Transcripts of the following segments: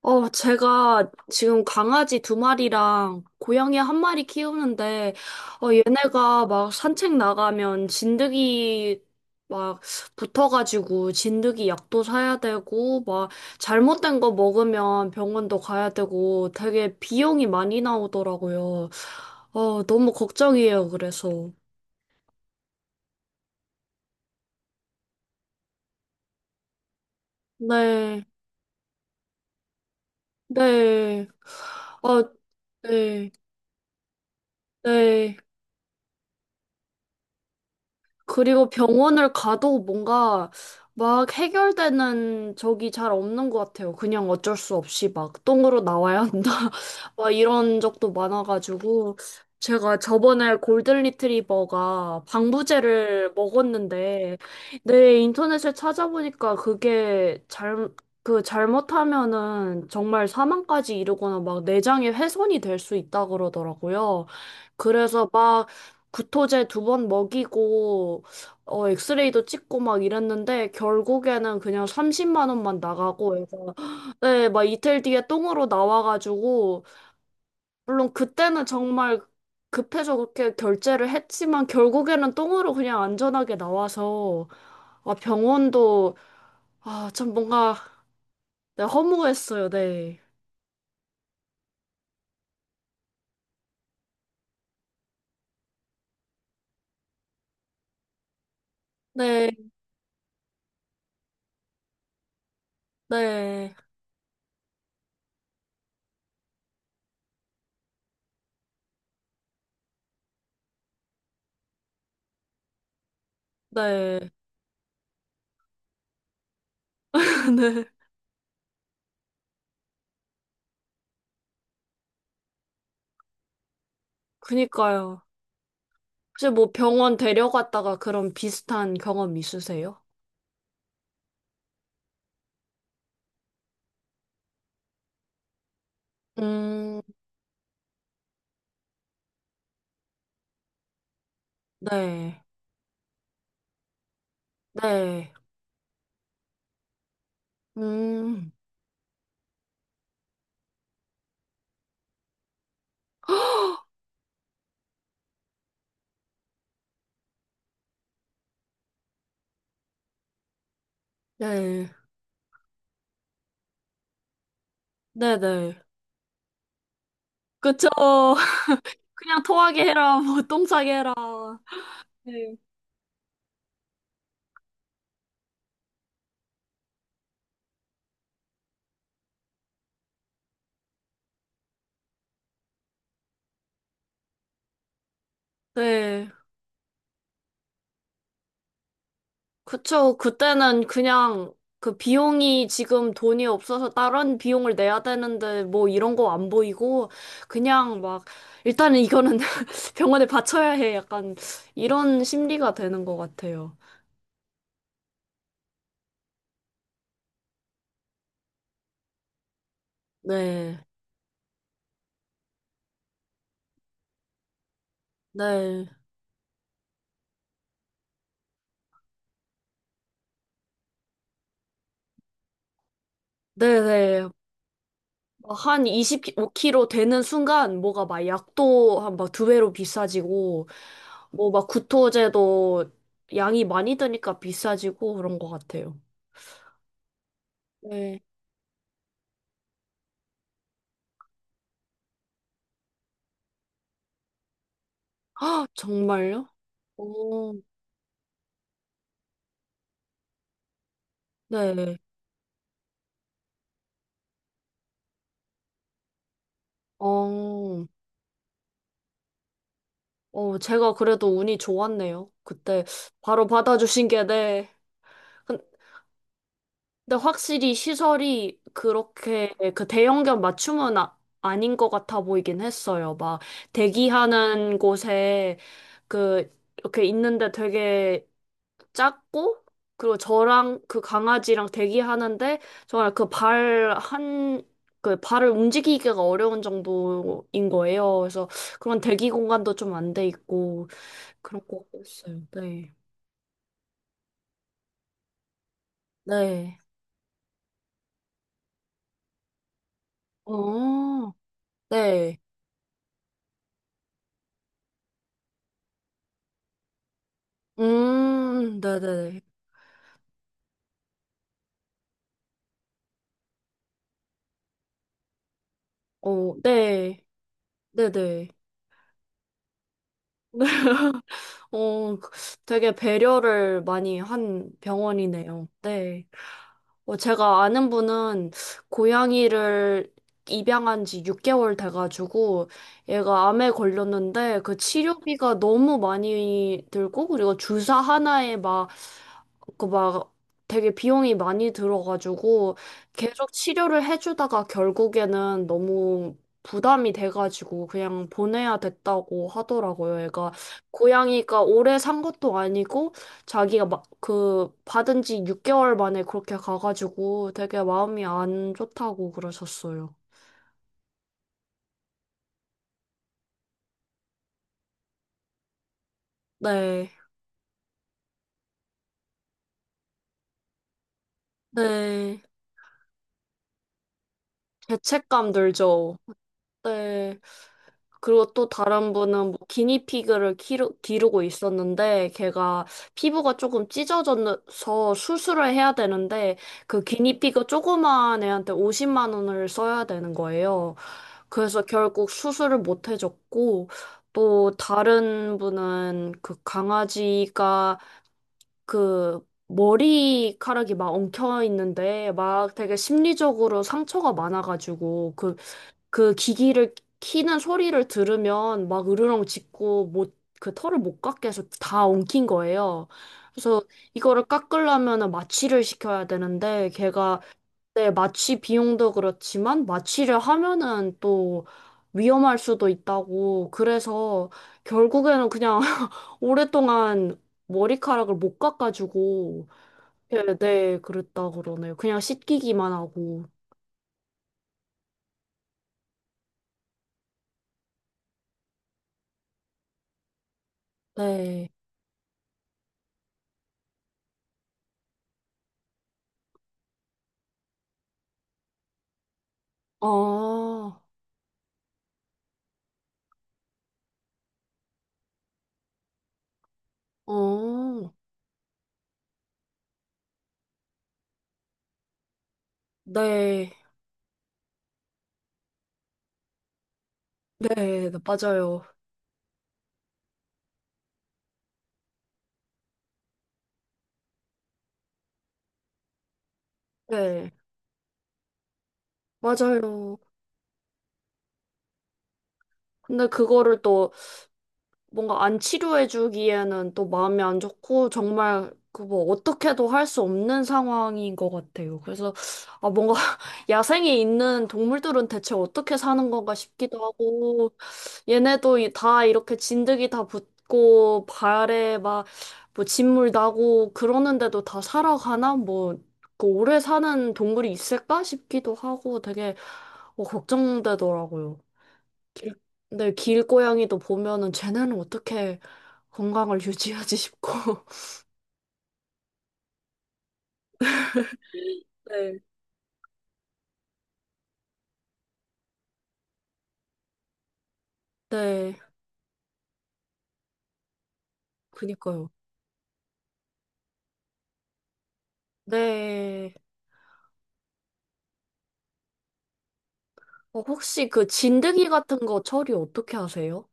어, 제가 지금 강아지 두 마리랑 고양이 한 마리 키우는데, 어, 얘네가 막 산책 나가면 진드기 막 붙어가지고 진드기 약도 사야 되고, 막 잘못된 거 먹으면 병원도 가야 되고, 되게 비용이 많이 나오더라고요. 어, 너무 걱정이에요, 그래서. 네, 네, 어, 네, 네. 그리고 병원을 가도 뭔가 막 해결되는 적이 잘 없는 것 같아요. 그냥 어쩔 수 없이 막 똥으로 나와야 한다. 막 이런 적도 많아가지고. 제가 저번에 골든 리트리버가 방부제를 먹었는데, 네, 인터넷에 찾아보니까 그게 잘, 그 잘못하면은 정말 사망까지 이르거나 막 내장에 훼손이 될 수 있다 그러더라고요. 그래서 막 구토제 두 번 먹이고, 어, 엑스레이도 찍고 막 이랬는데, 결국에는 그냥 30만 원만 나가고, 해서, 네, 막 이틀 뒤에 똥으로 나와가지고, 물론 그때는 정말 급해서 그렇게 결제를 했지만, 결국에는 똥으로 그냥 안전하게 나와서, 아, 병원도, 아, 참 뭔가, 네, 허무했어요, 네. 네, 네, 네. 네. 그니까요. 혹시 뭐 병원 데려갔다가 그런 비슷한 경험 있으세요? 음, 네, 네, 음, 네, 네네. 그쵸. 그냥 토하게 해라, 뭐, 똥 싸게 해라. 네. 네, 그쵸. 그때는 그냥 그 비용이 지금 돈이 없어서 다른 비용을 내야 되는데 뭐 이런 거 안 보이고 그냥 막 일단은 이거는 병원에 받쳐야 해. 약간 이런 심리가 되는 것 같아요. 네. 네. 네네. 한 25kg 되는 순간 뭐가 막 약도 한 막 두 배로 비싸지고 뭐 막 구토제도 양이 많이 드니까 비싸지고 그런 것 같아요. 네. 아, 정말요? 오, 네. 어, 어, 제가 그래도 운이 좋았네요. 그때 바로 받아주신 게, 네. 근데 확실히 시설이 그렇게 그 대형견 맞춤은 아닌 것 같아 보이긴 했어요. 막 대기하는 곳에 그 이렇게 있는데 되게 작고, 그리고 저랑 그 강아지랑 대기하는데 정말 그 발 한 그 발을 움직이기가 어려운 정도인 거예요. 그래서 그런 대기 공간도 좀 안 돼 있고 그런 것 같았어요. 네. 네. 어. 네. 네네네. 어, 네. 네네. 어, 그 되게 배려를 많이 한 병원이네요. 네. 어, 제가 아는 분은 고양이를 입양한 지 6개월 돼가지고 얘가 암에 걸렸는데 그 치료비가 너무 많이 들고, 그리고 주사 하나에 막 그 막 되게 비용이 많이 들어가지고 계속 치료를 해주다가 결국에는 너무 부담이 돼가지고 그냥 보내야 됐다고 하더라고요. 얘가 고양이가 오래 산 것도 아니고 자기가 막 그 받은 지 6개월 만에 그렇게 가가지고 되게 마음이 안 좋다고 그러셨어요. 네. 네. 죄책감 들죠. 네. 그리고 또 다른 분은 뭐 기니피그를 기르고 있었는데 걔가 피부가 조금 찢어져서 수술을 해야 되는데, 그 기니피그 조그만 애한테 50만 원을 써야 되는 거예요. 그래서 결국 수술을 못 해줬고, 또 다른 분은 그 강아지가 그 머리카락이 막 엉켜 있는데 막 되게 심리적으로 상처가 많아가지고 그 기기를 키는 소리를 들으면 막 으르렁 짖고 못, 그 털을 못 깎게 해서 다 엉킨 거예요. 그래서 이거를 깎으려면은 마취를 시켜야 되는데 걔가, 네, 마취 비용도 그렇지만 마취를 하면은 또 위험할 수도 있다고 그래서 결국에는 그냥 오랫동안 머리카락을 못 깎아주고, 네, 네, 그랬다 그러네요. 그냥 씻기기만 하고. 네. 아, 어. 네, 네, 네, 맞아요. 네, 맞아요. 근데 그거를 또 뭔가 안 치료해주기에는 또 마음이 안 좋고, 정말 그 뭐 어떻게도 할 수 없는 상황인 것 같아요. 그래서 아 뭔가 야생에 있는 동물들은 대체 어떻게 사는 건가 싶기도 하고, 얘네도 다 이렇게 진드기 다 붙고 발에 막 뭐 진물 나고 그러는데도 다 살아가나? 뭐 그 오래 사는 동물이 있을까 싶기도 하고, 되게 어, 걱정되더라고요. 길, 근데 길고양이도 보면은 쟤네는 어떻게 건강을 유지하지 싶고. 네, 네. 그니까요. 네. 어, 혹시 그 진드기 같은 거 처리 어떻게 하세요?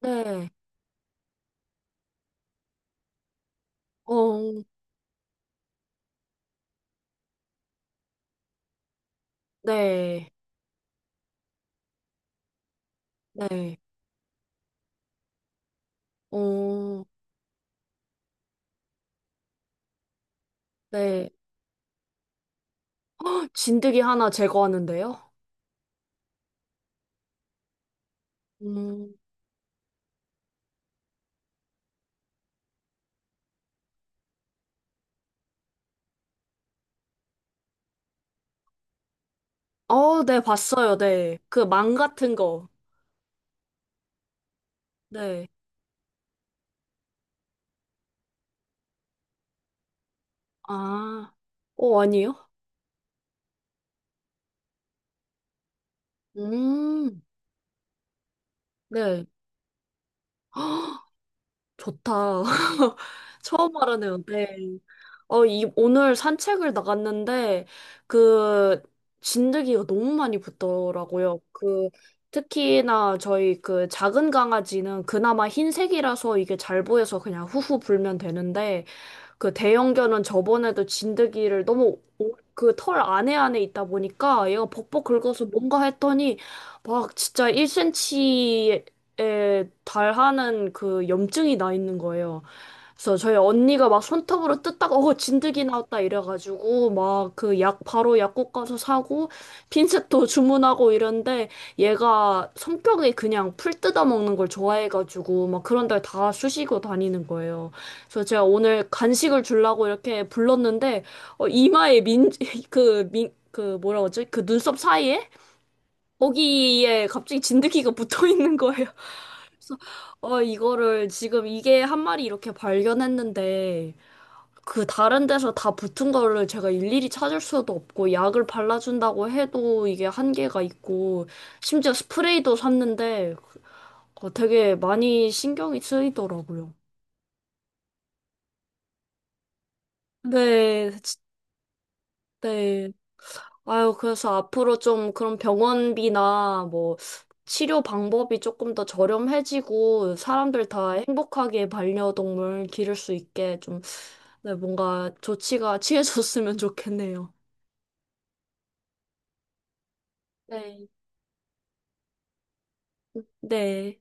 네. 어, 네. 네. 어. 네. 진드기 하나 제거하는데요? 음, 어, 네, 봤어요. 네. 그 망 같은 거. 네. 아. 어, 아니요? 음, 네. 좋다. 처음 알아네요. 네. 어, 이, 오늘 산책을 나갔는데, 그, 진드기가 너무 많이 붙더라고요. 그, 특히나 저희 그 작은 강아지는 그나마 흰색이라서 이게 잘 보여서 그냥 후후 불면 되는데, 그 대형견은 저번에도 진드기를 너무 그 털 안에 있다 보니까 얘가 벅벅 긁어서 뭔가 했더니 막 진짜 1cm에 달하는 그 염증이 나 있는 거예요. 그래서 저희 언니가 막 손톱으로 뜯다가 어 진드기 나왔다 이래가지고 막 그 약 바로 약국 가서 사고 핀셋도 주문하고 이런데, 얘가 성격이 그냥 풀 뜯어 먹는 걸 좋아해가지고 막 그런 데다 쑤시고 다니는 거예요. 그래서 제가 오늘 간식을 주려고 이렇게 불렀는데, 어, 이마에 민그민그 뭐라고 하지, 그 뭐라 그러지? 그 눈썹 사이에 거기에 갑자기 진드기가 붙어 있는 거예요. 그래서 어 이거를 지금 이게 한 마리 이렇게 발견했는데 그 다른 데서 다 붙은 거를 제가 일일이 찾을 수도 없고 약을 발라준다고 해도 이게 한계가 있고, 심지어 스프레이도 샀는데 어, 되게 많이 신경이 쓰이더라고요. 네, 네. 아유, 그래서 앞으로 좀 그런 병원비나 뭐 치료 방법이 조금 더 저렴해지고 사람들 다 행복하게 반려동물 기를 수 있게 좀, 네, 뭔가 조치가 취해졌으면 좋겠네요. 네. 네.